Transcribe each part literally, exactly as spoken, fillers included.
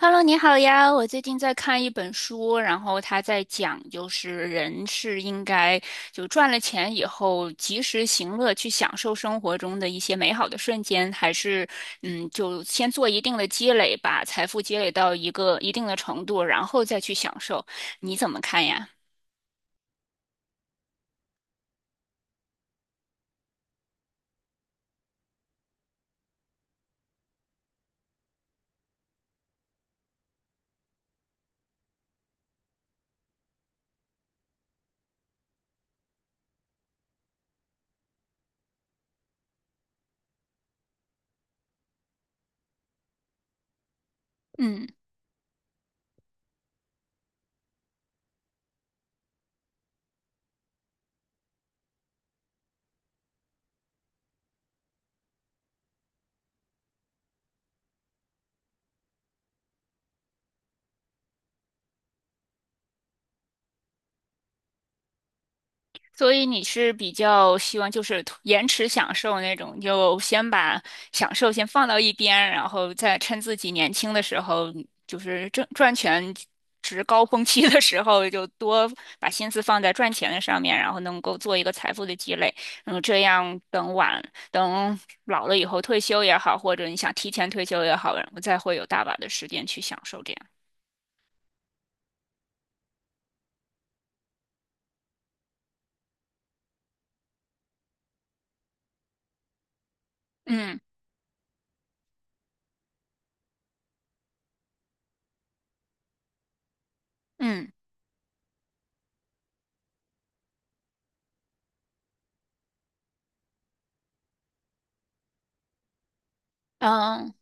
Hello，你好呀！我最近在看一本书，然后他在讲，就是人是应该就赚了钱以后及时行乐，去享受生活中的一些美好的瞬间，还是嗯，就先做一定的积累，把财富积累到一个一定的程度，然后再去享受。你怎么看呀？嗯。所以你是比较希望就是延迟享受那种，就先把享受先放到一边，然后再趁自己年轻的时候，就是挣赚钱值高峰期的时候，就多把心思放在赚钱的上面，然后能够做一个财富的积累。嗯，这样等晚等老了以后退休也好，或者你想提前退休也好，然后再会有大把的时间去享受这样。嗯嗯嗯。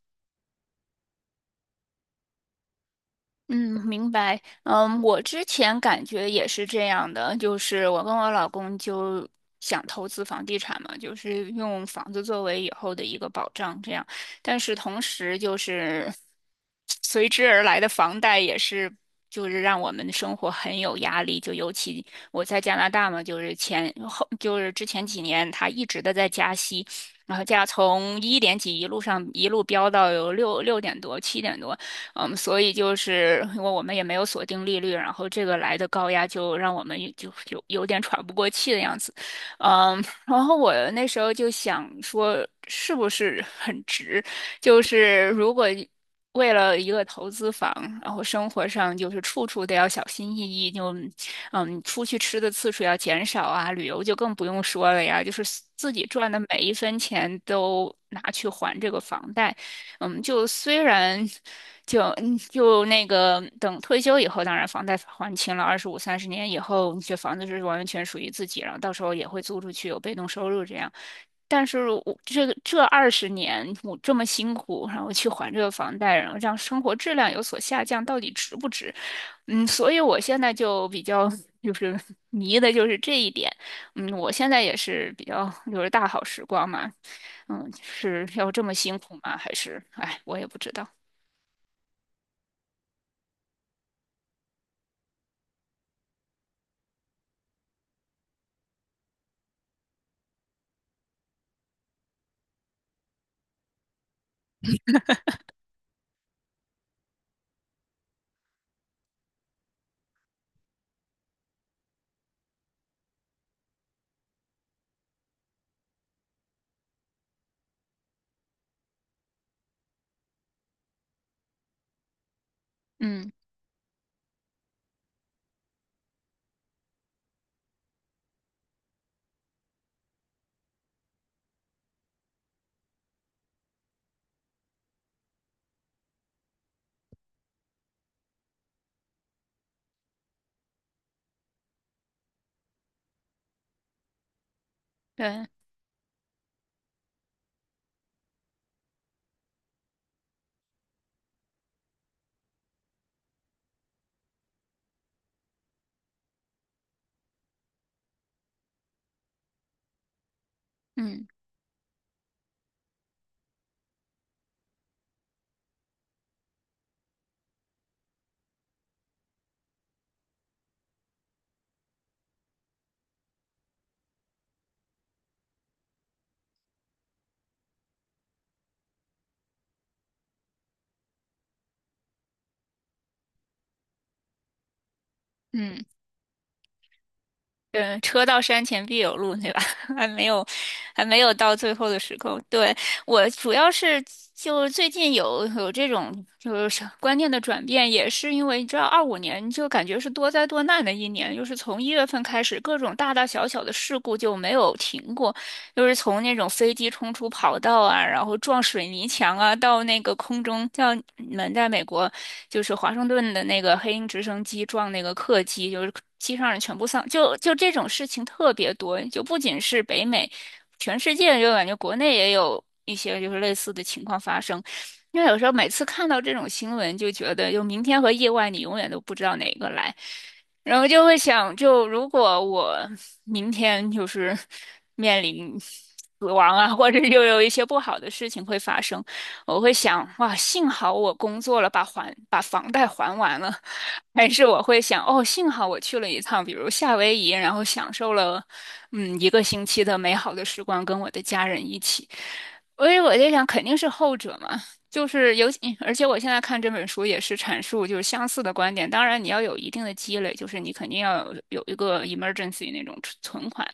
嗯，明白。嗯，我之前感觉也是这样的，就是我跟我老公就想投资房地产嘛，就是用房子作为以后的一个保障，这样。但是同时就是 随之而来的房贷也是，就是让我们的生活很有压力。就尤其我在加拿大嘛，就是前后就是之前几年，他一直的在加息。然后价从一点几一路上一路飙到有六六点多、七点多，嗯，所以就是因为我们也没有锁定利率，然后这个来的高压就让我们就有有点喘不过气的样子，嗯，然后我那时候就想说，是不是很值？就是如果为了一个投资房，然后生活上就是处处都要小心翼翼，就嗯，出去吃的次数要减少啊，旅游就更不用说了呀，就是自己赚的每一分钱都拿去还这个房贷。嗯，就虽然就嗯就那个等退休以后，当然房贷还清了，二十五三十年以后，你这房子是完全属于自己，然后到时候也会租出去，有被动收入这样。但是我这个这二十年我这么辛苦，然后去还这个房贷，然后让生活质量有所下降，到底值不值？嗯，所以我现在就比较就是 迷的就是这一点。嗯，我现在也是比较就是大好时光嘛，嗯，是要这么辛苦吗？还是，哎，我也不知道。嗯，对，嗯嗯，对，车到山前必有路，对吧？还没有，还没有到最后的时刻。对，我主要是就最近有有这种就是观念的转变，也是因为你知道，二五年就感觉是多灾多难的一年，就是从一月份开始，各种大大小小的事故就没有停过。就是从那种飞机冲出跑道啊，然后撞水泥墙啊，到那个空中，像你们在美国，就是华盛顿的那个黑鹰直升机撞那个客机，就是机上人全部丧，就就这种事情特别多，就不仅是北美，全世界就感觉国内也有一些就是类似的情况发生。因为有时候每次看到这种新闻，就觉得就明天和意外，你永远都不知道哪个来。然后就会想，就如果我明天就是面临死亡啊，或者又有一些不好的事情会发生，我会想，哇，幸好我工作了，把还把房贷还完了，还是我会想，哦，幸好我去了一趟，比如夏威夷，然后享受了，嗯，一个星期的美好的时光，跟我的家人一起。所以我就想，肯定是后者嘛。就是尤其，而且我现在看这本书也是阐述就是相似的观点。当然，你要有一定的积累，就是你肯定要有有一个 emergency 那种存存款，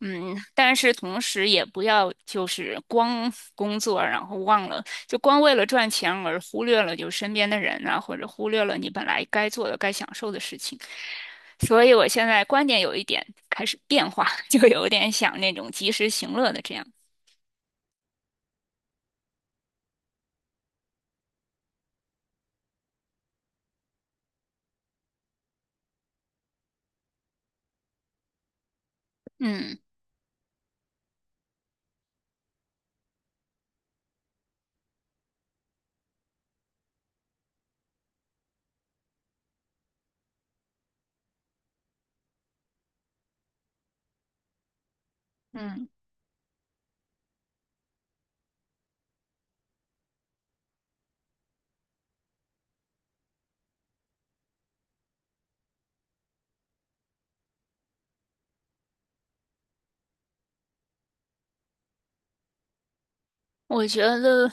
嗯，但是同时也不要就是光工作，然后忘了就光为了赚钱而忽略了就身边的人啊，或者忽略了你本来该做的、该享受的事情。所以我现在观点有一点开始变化，就有点想那种及时行乐的这样，嗯嗯。我觉得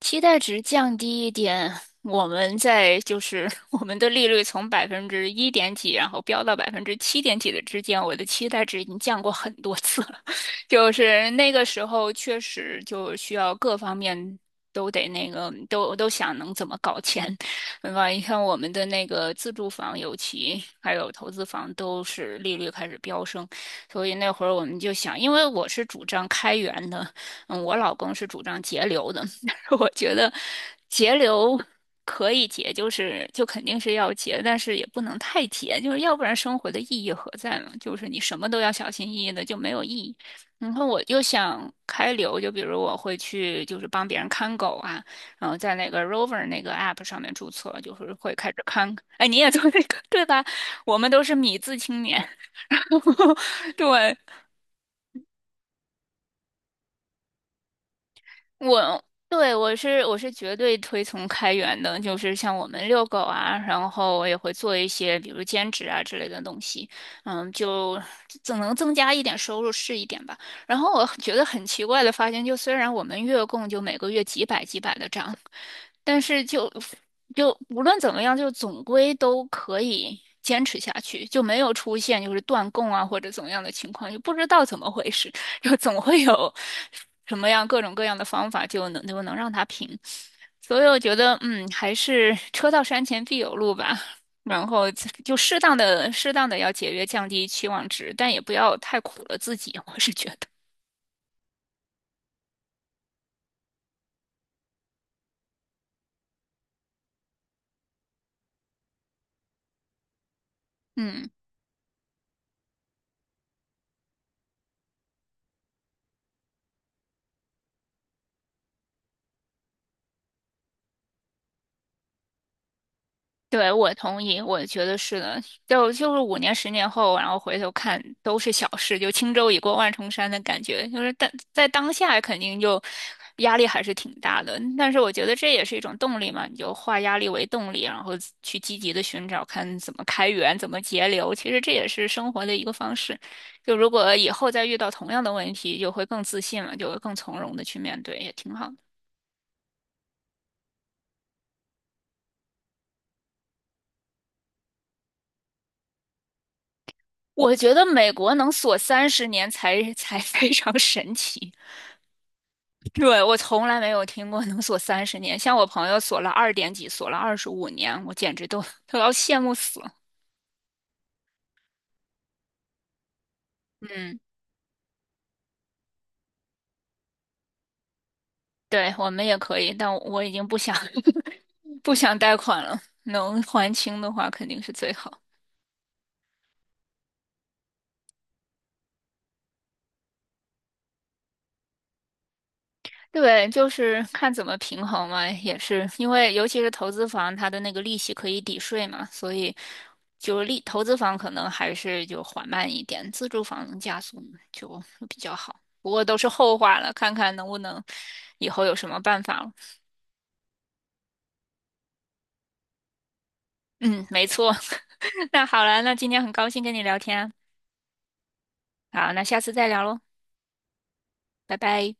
期待值降低一点，我们在就是 我们的利率从百分之一点几，然后飙到百分之七点几的之间，我的期待值已经降过很多次了。就是那个时候确实就需要各方面都得那个都都想能怎么搞钱，对吧？你看我们的那个自住房，尤其还有投资房，都是利率开始飙升，所以那会儿我们就想，因为我是主张开源的，嗯，我老公是主张节流的。我觉得节流可以节，就是就肯定是要节，但是也不能太节，就是要不然生活的意义何在呢？就是你什么都要小心翼翼的，就没有意义。然后我就想开流，就比如我会去就是帮别人看狗啊，然后在那个 Rover 那个 app 上面注册，就是会开始看。哎，你也做那个对吧？我们都是米字青年，对，我对我是我是绝对推崇开源的，就是像我们遛狗啊，然后我也会做一些比如兼职啊之类的东西，嗯，就总能增加一点收入是一点吧。然后我觉得很奇怪的发现，就虽然我们月供就每个月几百几百的涨，但是就就无论怎么样，就总归都可以坚持下去，就没有出现就是断供啊或者怎么样的情况，就不知道怎么回事。就总会有什么样各种各样的方法就能就能让它平。所以我觉得，嗯，还是车到山前必有路吧。然后就适当的、适当的要节约，降低期望值，但也不要太苦了自己。我是觉得，嗯。对，我同意，我觉得是的，就就是五年、十年后，然后回头看都是小事，就轻舟已过万重山的感觉，就是但在当下肯定就压力还是挺大的，但是我觉得这也是一种动力嘛，你就化压力为动力，然后去积极的寻找，看怎么开源，怎么节流，其实这也是生活的一个方式。就如果以后再遇到同样的问题，就会更自信了，就会更从容的去面对，也挺好的。我觉得美国能锁三十年才才非常神奇。对，我从来没有听过能锁三十年，像我朋友锁了二点几，锁了二十五年，我简直都都要羡慕死了。嗯，对，我们也可以，但我已经不想 不想贷款了，能还清的话肯定是最好。对，就是看怎么平衡嘛，也是因为尤其是投资房，它的那个利息可以抵税嘛，所以就是利投资房可能还是就缓慢一点，自住房能加速就比较好。不过都是后话了，看看能不能以后有什么办法了。嗯，没错。那好了，那今天很高兴跟你聊天啊好，那下次再聊喽，拜拜。